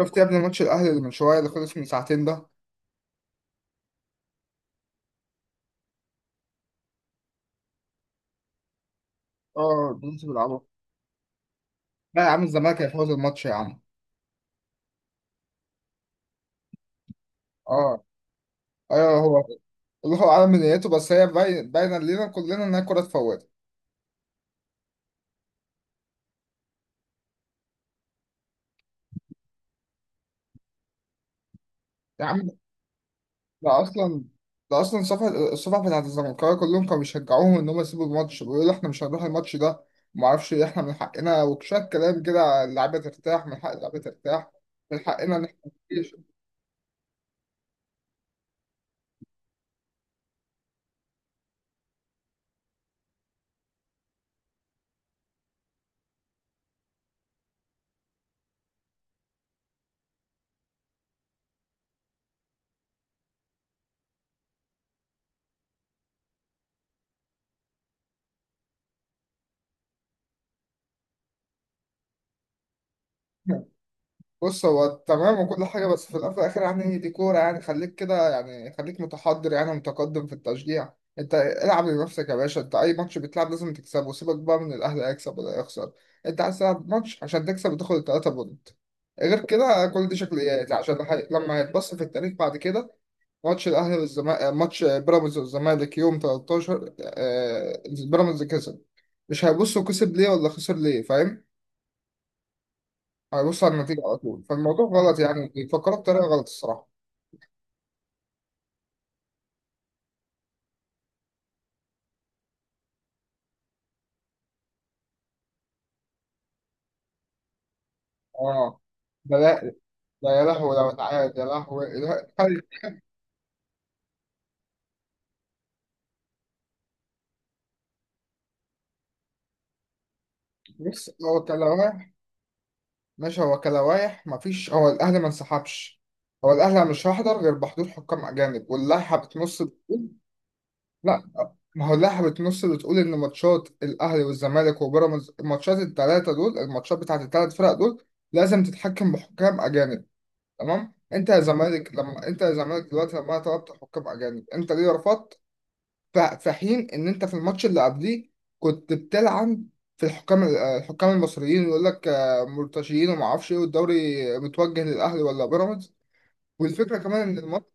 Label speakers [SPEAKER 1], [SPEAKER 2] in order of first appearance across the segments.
[SPEAKER 1] شفت يا ابني ماتش الاهلي اللي من شويه اللي خلص من ساعتين ده. اه بنسى بيلعبوا. لا يا عم، الزمالك هيفوز الماتش يا عم. اه ايوه هو. الله اعلم من نيته، بس هي باينه لينا كلنا ان هي كره تفوت. يا عم ده اصلا ده اصلا الصفحه بتاعت الزمالكاويه كلهم كانوا بيشجعوهم ان هم يسيبوا الماتش، بيقولوا احنا مش هنروح الماتش ده وما اعرفش ايه، احنا من حقنا وشويه كلام كده، اللعيبه ترتاح، من حق اللعيبه ترتاح، من حقنا ان احنا نعيش. بص، هو تمام وكل حاجة، بس في الأول وفي الآخر يعني دي كورة، يعني خليك كده، يعني خليك متحضر، يعني متقدم في التشجيع. أنت العب لنفسك يا باشا، أنت أي ماتش بتلعب لازم تكسبه، سيبك بقى من الأهلي هيكسب ولا يخسر. أنت عايز تلعب ماتش عشان تكسب وتاخد التلاتة بونت، غير كده كل دي شكليات، عشان لما هيتبص في التاريخ بعد كده، ماتش الأهلي والزمالك، ماتش بيراميدز والزمالك يوم 13، بيراميدز كسب، مش هيبصوا كسب ليه ولا خسر ليه، فاهم؟ هيبص على النتيجة على طول، فالموضوع غلط، يعني بيفكروا بطريقة غلط الصراحة. اه. ده لا، ده يا لهوي لو اتعاد، يا لهوي لا، بص هو كلواح. ماشي، هو كلواح، مفيش، هو الأهلي ما انسحبش، هو الأهلي مش هيحضر غير بحضور حكام أجانب، واللائحة بتنص بتقول، لا، ما هو اللائحة بتنص بتقول إن ماتشات الأهلي والزمالك وبيراميدز، الماتشات التلاتة دول، الماتشات بتاعت التلات فرق دول لازم تتحكم بحكام أجانب. تمام، انت يا زمالك لما انت يا زمالك دلوقتي لما طلبت حكام اجانب، انت ليه رفضت؟ في حين ان انت في الماتش اللي قبليه كنت بتلعن في الحكام الحكام المصريين، ويقول لك مرتشيين وما اعرفش ايه، والدوري متوجه للاهلي ولا بيراميدز، والفكره كمان ان الماتش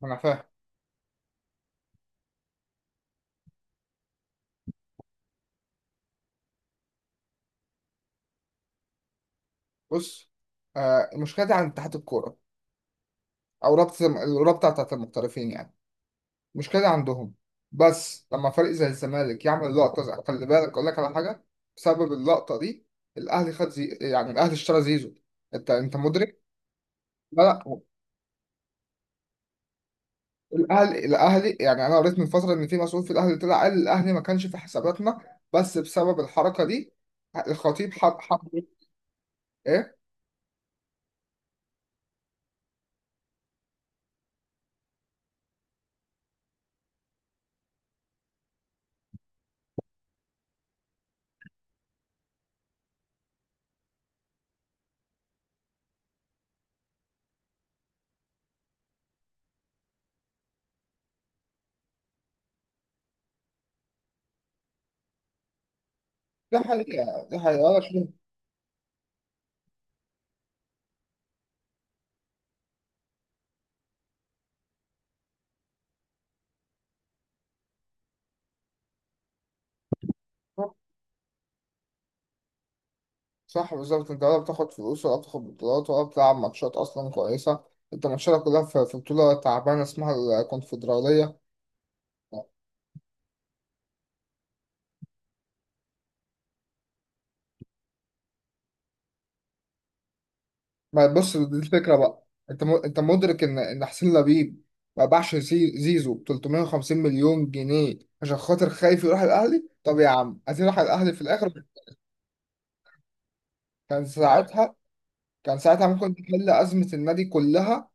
[SPEAKER 1] ما انا فاهم. بص، المشكله دي عند اتحاد الكوره او رابطه الرابطه بتاعت المحترفين يعني، مشكلة عندهم، بس لما فريق زي الزمالك يعمل خلي بالك أقول لك على حاجة، بسبب اللقطة دي الأهلي يعني الأهلي اشترى زيزو، أنت أنت مدرك؟ لا الأهلي الأهلي، يعني أنا قريت من فترة إن في مسؤول في الأهلي طلع قال الأهلي ما كانش في حساباتنا، بس بسبب الحركة دي الخطيب حب إيه؟ ده حقيقة، ده حقيقة ولا شيء. صح، بالظبط، أنت ولا بتاخد فلوس ولا بتاخد بطولات ولا بتلعب ماتشات أصلا كويسة، أنت ماتشاتك كلها في بطولة تعبانة اسمها الكونفدرالية. ما بص، دي الفكرة بقى، انت انت مدرك ان ان حسين لبيب ما باعش زيزو ب 350 مليون جنيه عشان خاطر خايف يروح الاهلي، طب يا عم عايز يروح الاهلي في الاخر. كان ساعتها، كان ساعتها ممكن تحل ازمة النادي كلها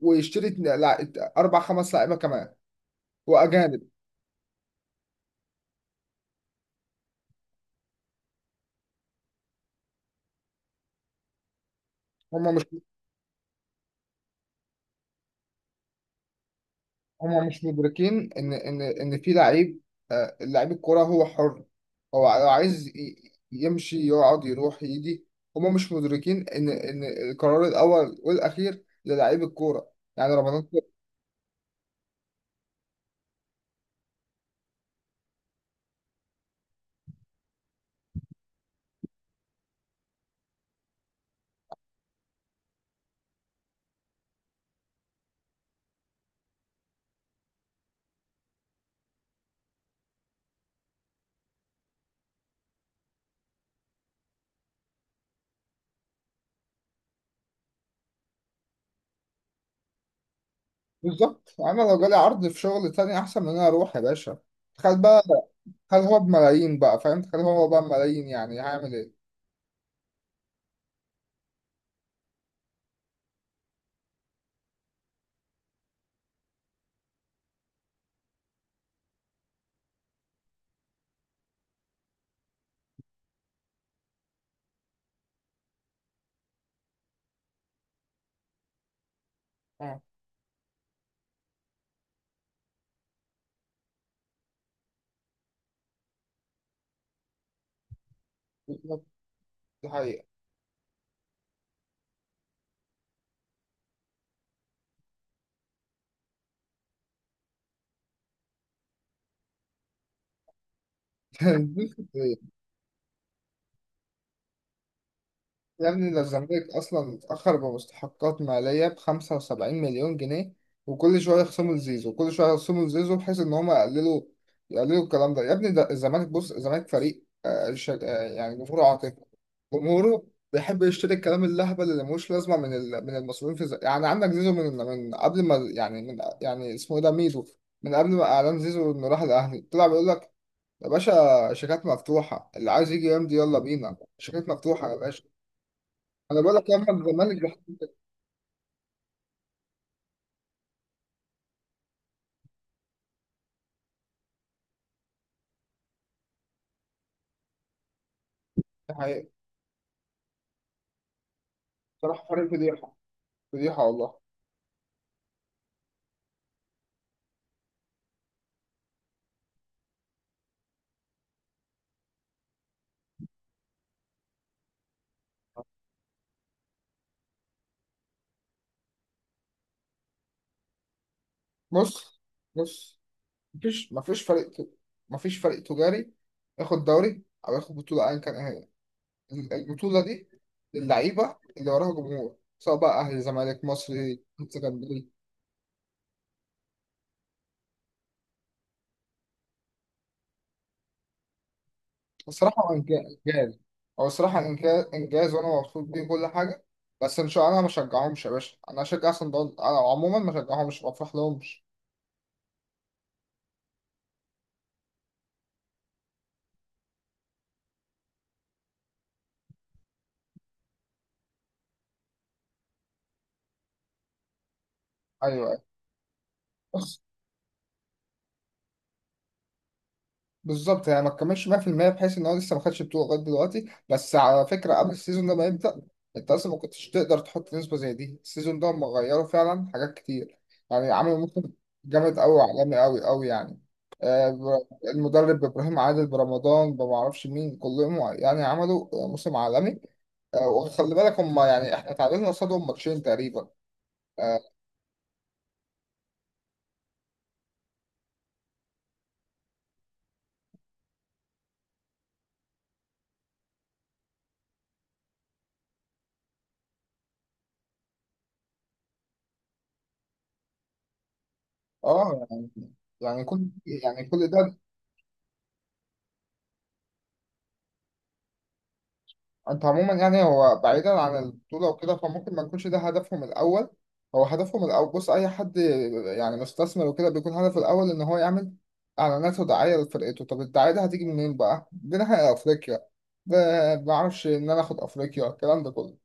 [SPEAKER 1] ويشتري اربع خمس لعيبة كمان واجانب. هم مش هم مش مدركين ان ان ان في لعيب، لعيب الكرة هو حر، هو لو عايز يمشي يقعد يروح يجي. هم مش مدركين ان ان القرار الاول والاخير للعيب الكورة، يعني رمضان. بالظبط، انا لو جالي عرض في شغل تاني احسن من ان انا اروح يا باشا، خد بقى، خد هو بملايين بقى فاهم، خد هو بقى بملايين، يعني هعمل ايه؟ اه، بالظبط، دي حقيقة. يا ابني ده الزمالك أصلا اتأخر بمستحقات مالية ب75 مليون جنيه، وكل شوية يخصموا لزيزو وكل شوية يخصموا لزيزو، بحيث إن هما يقللوا، يقللوا الكلام ده. يا ابني ده الزمالك، بص الزمالك فريق يعني جمهوره عاطفي، جمهوره بيحب يشتري الكلام اللهبل اللي ملوش لازمة من من المسؤولين في يعني عندك زيزو من قبل ما يعني من يعني اسمه إيه ده ميدو، من قبل ما إعلان زيزو إنه راح الأهلي، طلع بيقول لك يا باشا شيكات مفتوحة، اللي عايز يجي يمضي يلا بينا، شيكات مفتوحة يا باشا. انا بقول لك يا احمد، الزمالك ده، ده حقيقة. بصراحه فريق فضيحه، فضيحه والله. بص بص، مفيش، مفيش فريق تجاري ياخد دوري او ياخد بطوله ايا كان ايه هي البطوله دي، للعيبه اللي وراها جمهور، سواء بقى اهلي زمالك مصري اسكندري. الصراحه هو انجاز، هو الصراحه إنجاز، انجاز، وانا مبسوط بيه كل حاجه، بس ان شاء الله انا ما بشجعهمش يا باشا، انا هشجع صن داونز، انا عموما ما بشجعهمش ما بفرحلهمش. ايوه. أيوة. بالظبط، يعني ما تكملش 100%، بحيث ان هو لسه ما خدش بطوله لغايه دلوقتي، بس على فكره قبل السيزون ده ما يبدا انت اصلا ما كنتش تقدر تحط نسبه زي دي، السيزون ده هم غيروا فعلا حاجات كتير، يعني عملوا موسم جامد قوي عالمي قوي قوي يعني. المدرب ابراهيم عادل برمضان ما اعرفش مين كلهم، يعني عملوا موسم عالمي. وخلي بالك هم، يعني احنا تعادلنا قصادهم ماتشين تقريبا. اه يعني، يعني كل يعني كل ده انت عموما، يعني هو بعيدا عن البطولة وكده فممكن ما يكونش ده هدفهم الأول، هو هدفهم الأول، بص أي حد يعني مستثمر وكده بيكون هدفه الأول إن هو يعمل إعلانات ودعاية لفرقته. طب الدعاية دي هتيجي منين بقى؟ دي ناحية أفريقيا، بعرفش إن أنا آخد أفريقيا الكلام ده كله.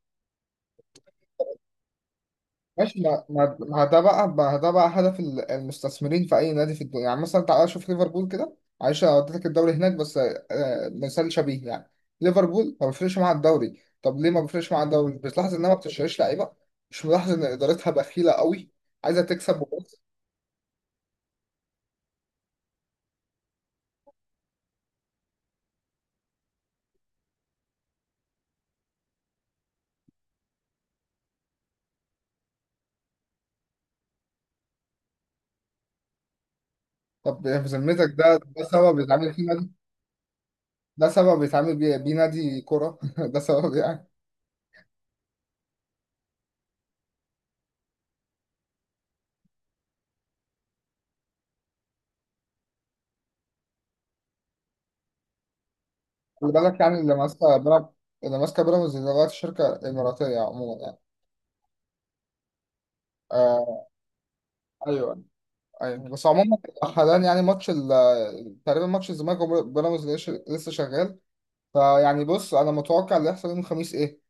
[SPEAKER 1] ماشي، ما ده بقى هدف المستثمرين في اي نادي في الدنيا، يعني مثلا تعالى شوف ليفربول كده، معلش انا وديتك الدوري هناك بس مثال شبيه يعني، ليفربول ما بيفرقش معاها الدوري، طب ليه ما بيفرقش معاها الدوري؟ مش بتلاحظ انها ما بتشتريش لعيبه؟ مش ملاحظ ان ادارتها بخيله قوي، عايزه تكسب وبس. طب يعني في ذمتك ده سبب بيتعامل فيه نادي، ده سبب بيتعامل بيه نادي كوره؟ ده سبب يعني. خلي بالك، يعني اللي ماسكه بيراميدز دلوقتي شركه اماراتيه عموما يعني. آه، ايوه ايوه بس عموما حاليا، يعني ماتش تقريبا ماتش الزمالك وبيراميدز لسه شغال. فيعني بص، انا متوقع اللي هيحصل يوم الخميس ايه؟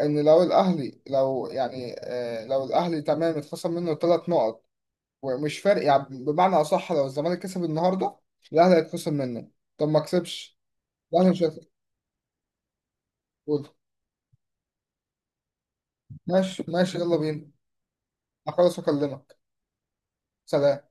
[SPEAKER 1] ان لو الاهلي، لو يعني لو الاهلي تمام اتخصم منه ثلاث نقط ومش فارق، يعني بمعنى اصح لو الزمالك كسب النهارده الاهلي هيتخصم منه، طب ما كسبش الاهلي، مش هيتخصم. ماشي يلا بينا، هخلص واكلمك. سلام.